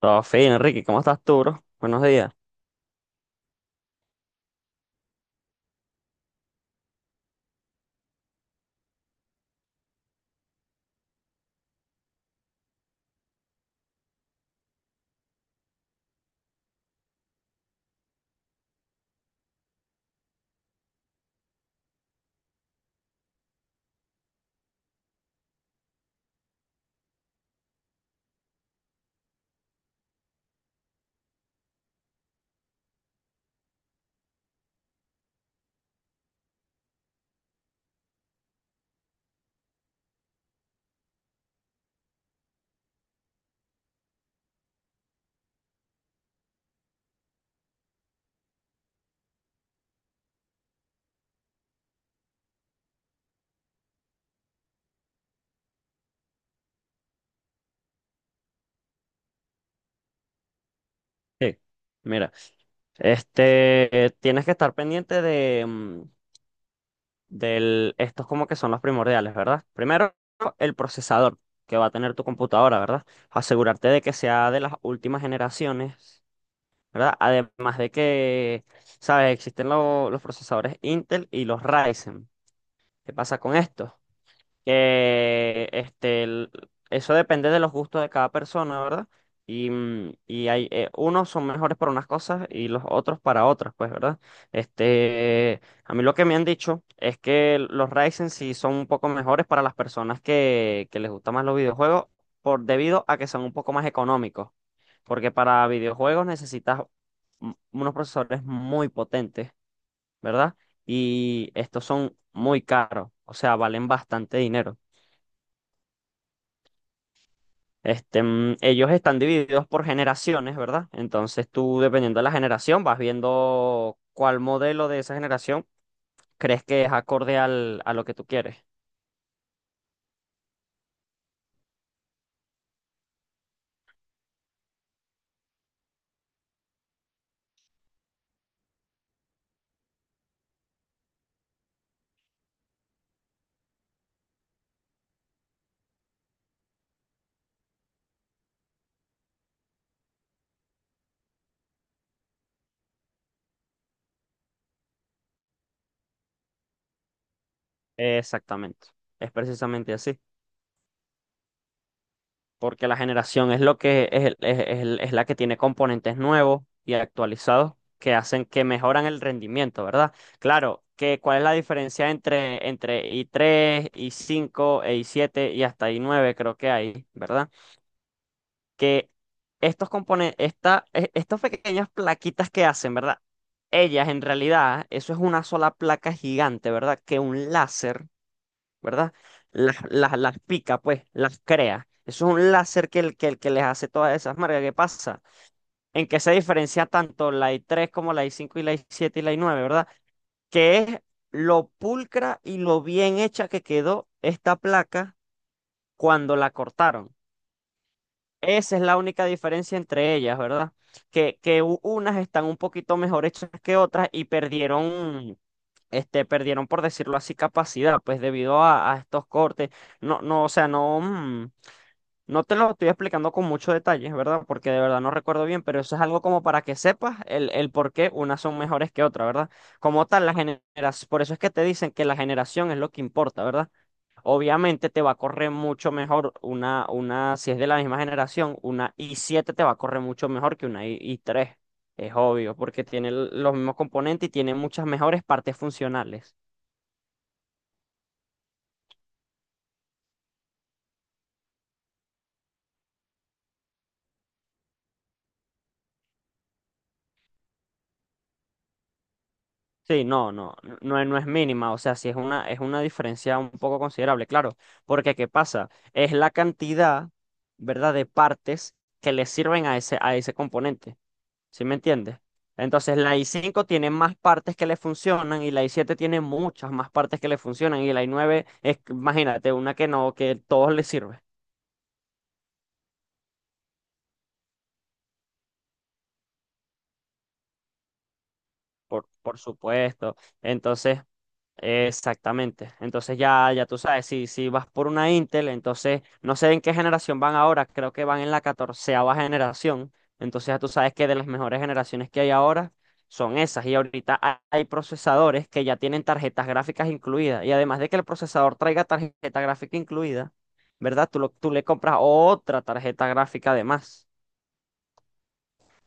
Todo fino, Enrique, ¿cómo estás tú, bro? Buenos días. Sí. Mira, este, tienes que estar pendiente de, del, estos como que son los primordiales, ¿verdad? Primero, el procesador que va a tener tu computadora, ¿verdad? Asegurarte de que sea de las últimas generaciones, ¿verdad? Además de que, ¿sabes? Existen los procesadores Intel y los Ryzen. ¿Qué pasa con esto? Que este, eso depende de los gustos de cada persona, ¿verdad? Y hay, unos son mejores para unas cosas y los otros para otras, pues, ¿verdad? Este, a mí lo que me han dicho es que los Ryzen sí son un poco mejores para las personas que les gustan más los videojuegos, por, debido a que son un poco más económicos, porque para videojuegos necesitas unos procesadores muy potentes, ¿verdad? Y estos son muy caros, o sea, valen bastante dinero. Este, ellos están divididos por generaciones, ¿verdad? Entonces tú, dependiendo de la generación, vas viendo cuál modelo de esa generación crees que es acorde al, a lo que tú quieres. Exactamente. Es precisamente así. Porque la generación es lo que es, es la que tiene componentes nuevos y actualizados que hacen que mejoran el rendimiento, ¿verdad? Claro, que cuál es la diferencia entre i3, i5 e i7 y hasta i9 creo que hay, ¿verdad? Que estos componen- esta, e- estas pequeñas plaquitas que hacen, ¿verdad? Ellas en realidad, eso es una sola placa gigante, ¿verdad? Que un láser, ¿verdad? Las pica, pues, las crea. Eso es un láser el que les hace todas esas marcas. ¿Qué pasa? En que se diferencia tanto la i3 como la i5 y la i7 y la i9, ¿verdad? Que es lo pulcra y lo bien hecha que quedó esta placa cuando la cortaron. Esa es la única diferencia entre ellas, ¿verdad? Que unas están un poquito mejor hechas que otras y perdieron, este, perdieron, por decirlo así, capacidad, pues debido a estos cortes. No, no, o sea, no, no te lo estoy explicando con muchos detalles, ¿verdad? Porque de verdad no recuerdo bien, pero eso es algo como para que sepas el por qué unas son mejores que otras, ¿verdad? Como tal, la generación, por eso es que te dicen que la generación es lo que importa, ¿verdad? Obviamente te va a correr mucho mejor una, si es de la misma generación, una i7 te va a correr mucho mejor que una i3. Es obvio, porque tiene los mismos componentes y tiene muchas mejores partes funcionales. Sí, no, no, no, no es mínima, o sea, sí es una diferencia un poco considerable, claro, porque ¿qué pasa? Es la cantidad, ¿verdad?, de partes que le sirven a ese componente. ¿Sí me entiendes? Entonces la i5 tiene más partes que le funcionan y la i7 tiene muchas más partes que le funcionan y la i9 es, imagínate, una que no, que todos le sirve, por supuesto. Entonces, exactamente. Entonces ya, ya tú sabes, si, si vas por una Intel, entonces no sé en qué generación van ahora, creo que van en la catorceava generación. Entonces ya tú sabes que de las mejores generaciones que hay ahora son esas. Y ahorita hay procesadores que ya tienen tarjetas gráficas incluidas. Y además de que el procesador traiga tarjeta gráfica incluida, ¿verdad? Tú le compras otra tarjeta gráfica además.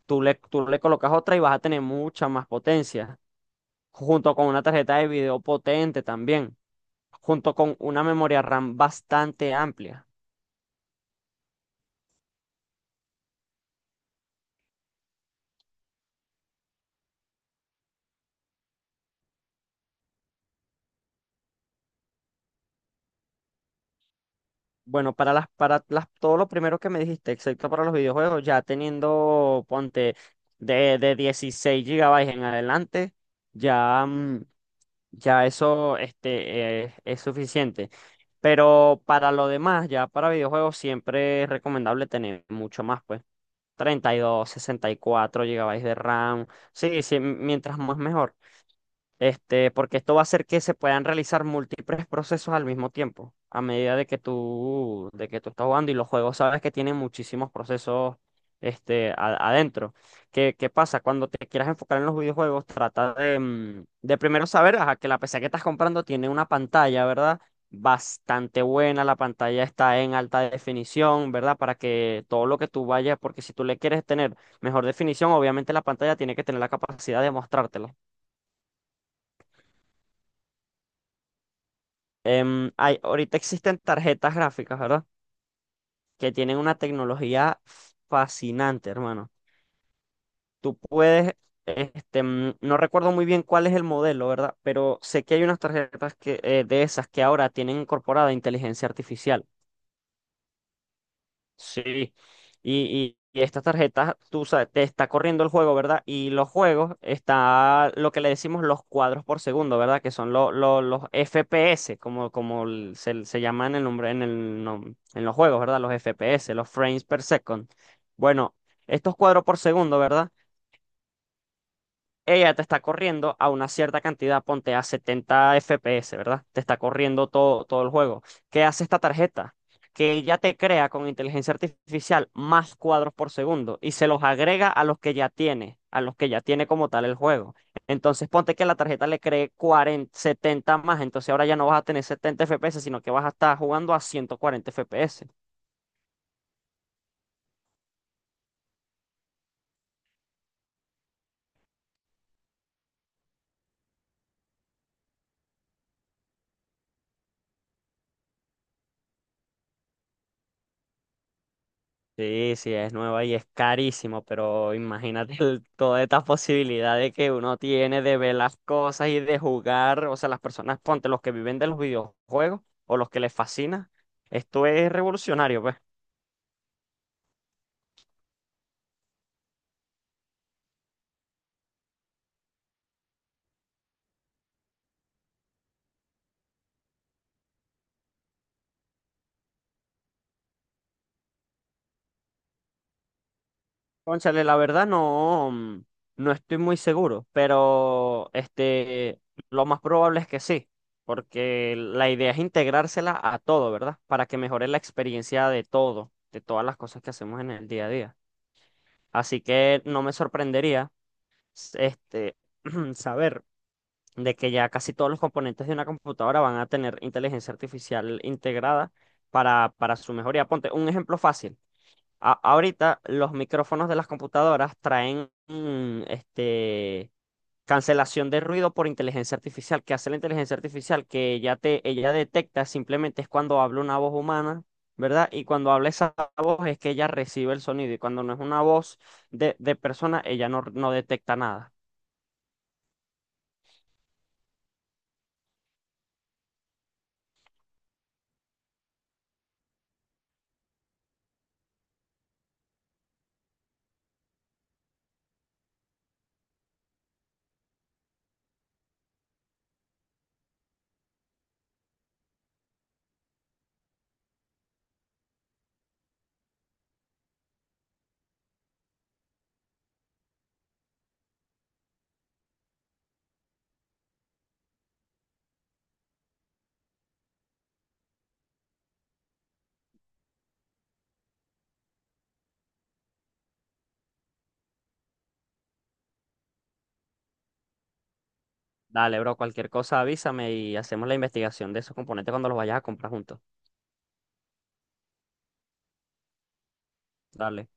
Tú le colocas otra y vas a tener mucha más potencia, junto con una tarjeta de video potente también, junto con una memoria RAM bastante amplia. Bueno, todo lo primero que me dijiste, excepto para los videojuegos, ya teniendo, ponte, de 16 gigabytes en adelante, ya, ya eso este, es suficiente. Pero para lo demás, ya para videojuegos, siempre es recomendable tener mucho más, pues. 32, 64 gigabytes de RAM. Sí, sí, mientras más mejor. Este, porque esto va a hacer que se puedan realizar múltiples procesos al mismo tiempo, a medida de que tú estás jugando y los juegos sabes que tienen muchísimos procesos, este, adentro. ¿Qué pasa? Cuando te quieras enfocar en los videojuegos, trata de primero saber, ajá, que la PC que estás comprando tiene una pantalla, ¿verdad? Bastante buena, la pantalla está en alta definición, ¿verdad? Para que todo lo que tú vayas, porque si tú le quieres tener mejor definición, obviamente la pantalla tiene que tener la capacidad de mostrártela. Ahorita existen tarjetas gráficas, ¿verdad? Que tienen una tecnología fascinante, hermano. Tú puedes, este, no recuerdo muy bien cuál es el modelo, ¿verdad? Pero sé que hay unas tarjetas que, de esas que ahora tienen incorporada inteligencia artificial. Sí, y estas tarjetas, tú sabes, te está corriendo el juego, ¿verdad? Y los juegos está lo que le decimos los cuadros por segundo, ¿verdad? Que son los FPS, como se llama en el nombre, en los juegos, ¿verdad? Los FPS, los frames per second. Bueno, estos cuadros por segundo, ¿verdad?, ella te está corriendo a una cierta cantidad, ponte a 70 FPS, ¿verdad? Te está corriendo todo, todo el juego. ¿Qué hace esta tarjeta? Que ella te crea con inteligencia artificial más cuadros por segundo y se los agrega a los que ya tiene, a los que ya tiene como tal el juego. Entonces ponte que la tarjeta le cree 40, 70 más, entonces ahora ya no vas a tener 70 FPS, sino que vas a estar jugando a 140 FPS. Sí, sí, es nueva y es carísimo, pero imagínate toda esta posibilidad de que uno tiene de ver las cosas y de jugar, o sea, las personas, ponte, los que viven de los videojuegos o los que les fascina, esto es revolucionario, pues. Cónchale, la verdad no, no estoy muy seguro, pero este, lo más probable es que sí, porque la idea es integrársela a todo, ¿verdad? Para que mejore la experiencia de todo, de todas las cosas que hacemos en el día a día. Así que no me sorprendería este, saber de que ya casi todos los componentes de una computadora van a tener inteligencia artificial integrada para su mejoría. Ponte un ejemplo fácil. Ahorita los micrófonos de las computadoras traen este, cancelación de ruido por inteligencia artificial. ¿Qué hace la inteligencia artificial? Que ella detecta simplemente es cuando habla una voz humana, ¿verdad? Y cuando habla esa voz es que ella recibe el sonido. Y cuando no es una voz de persona, ella no, no detecta nada. Dale, bro, cualquier cosa avísame y hacemos la investigación de esos componentes cuando los vayas a comprar juntos. Dale.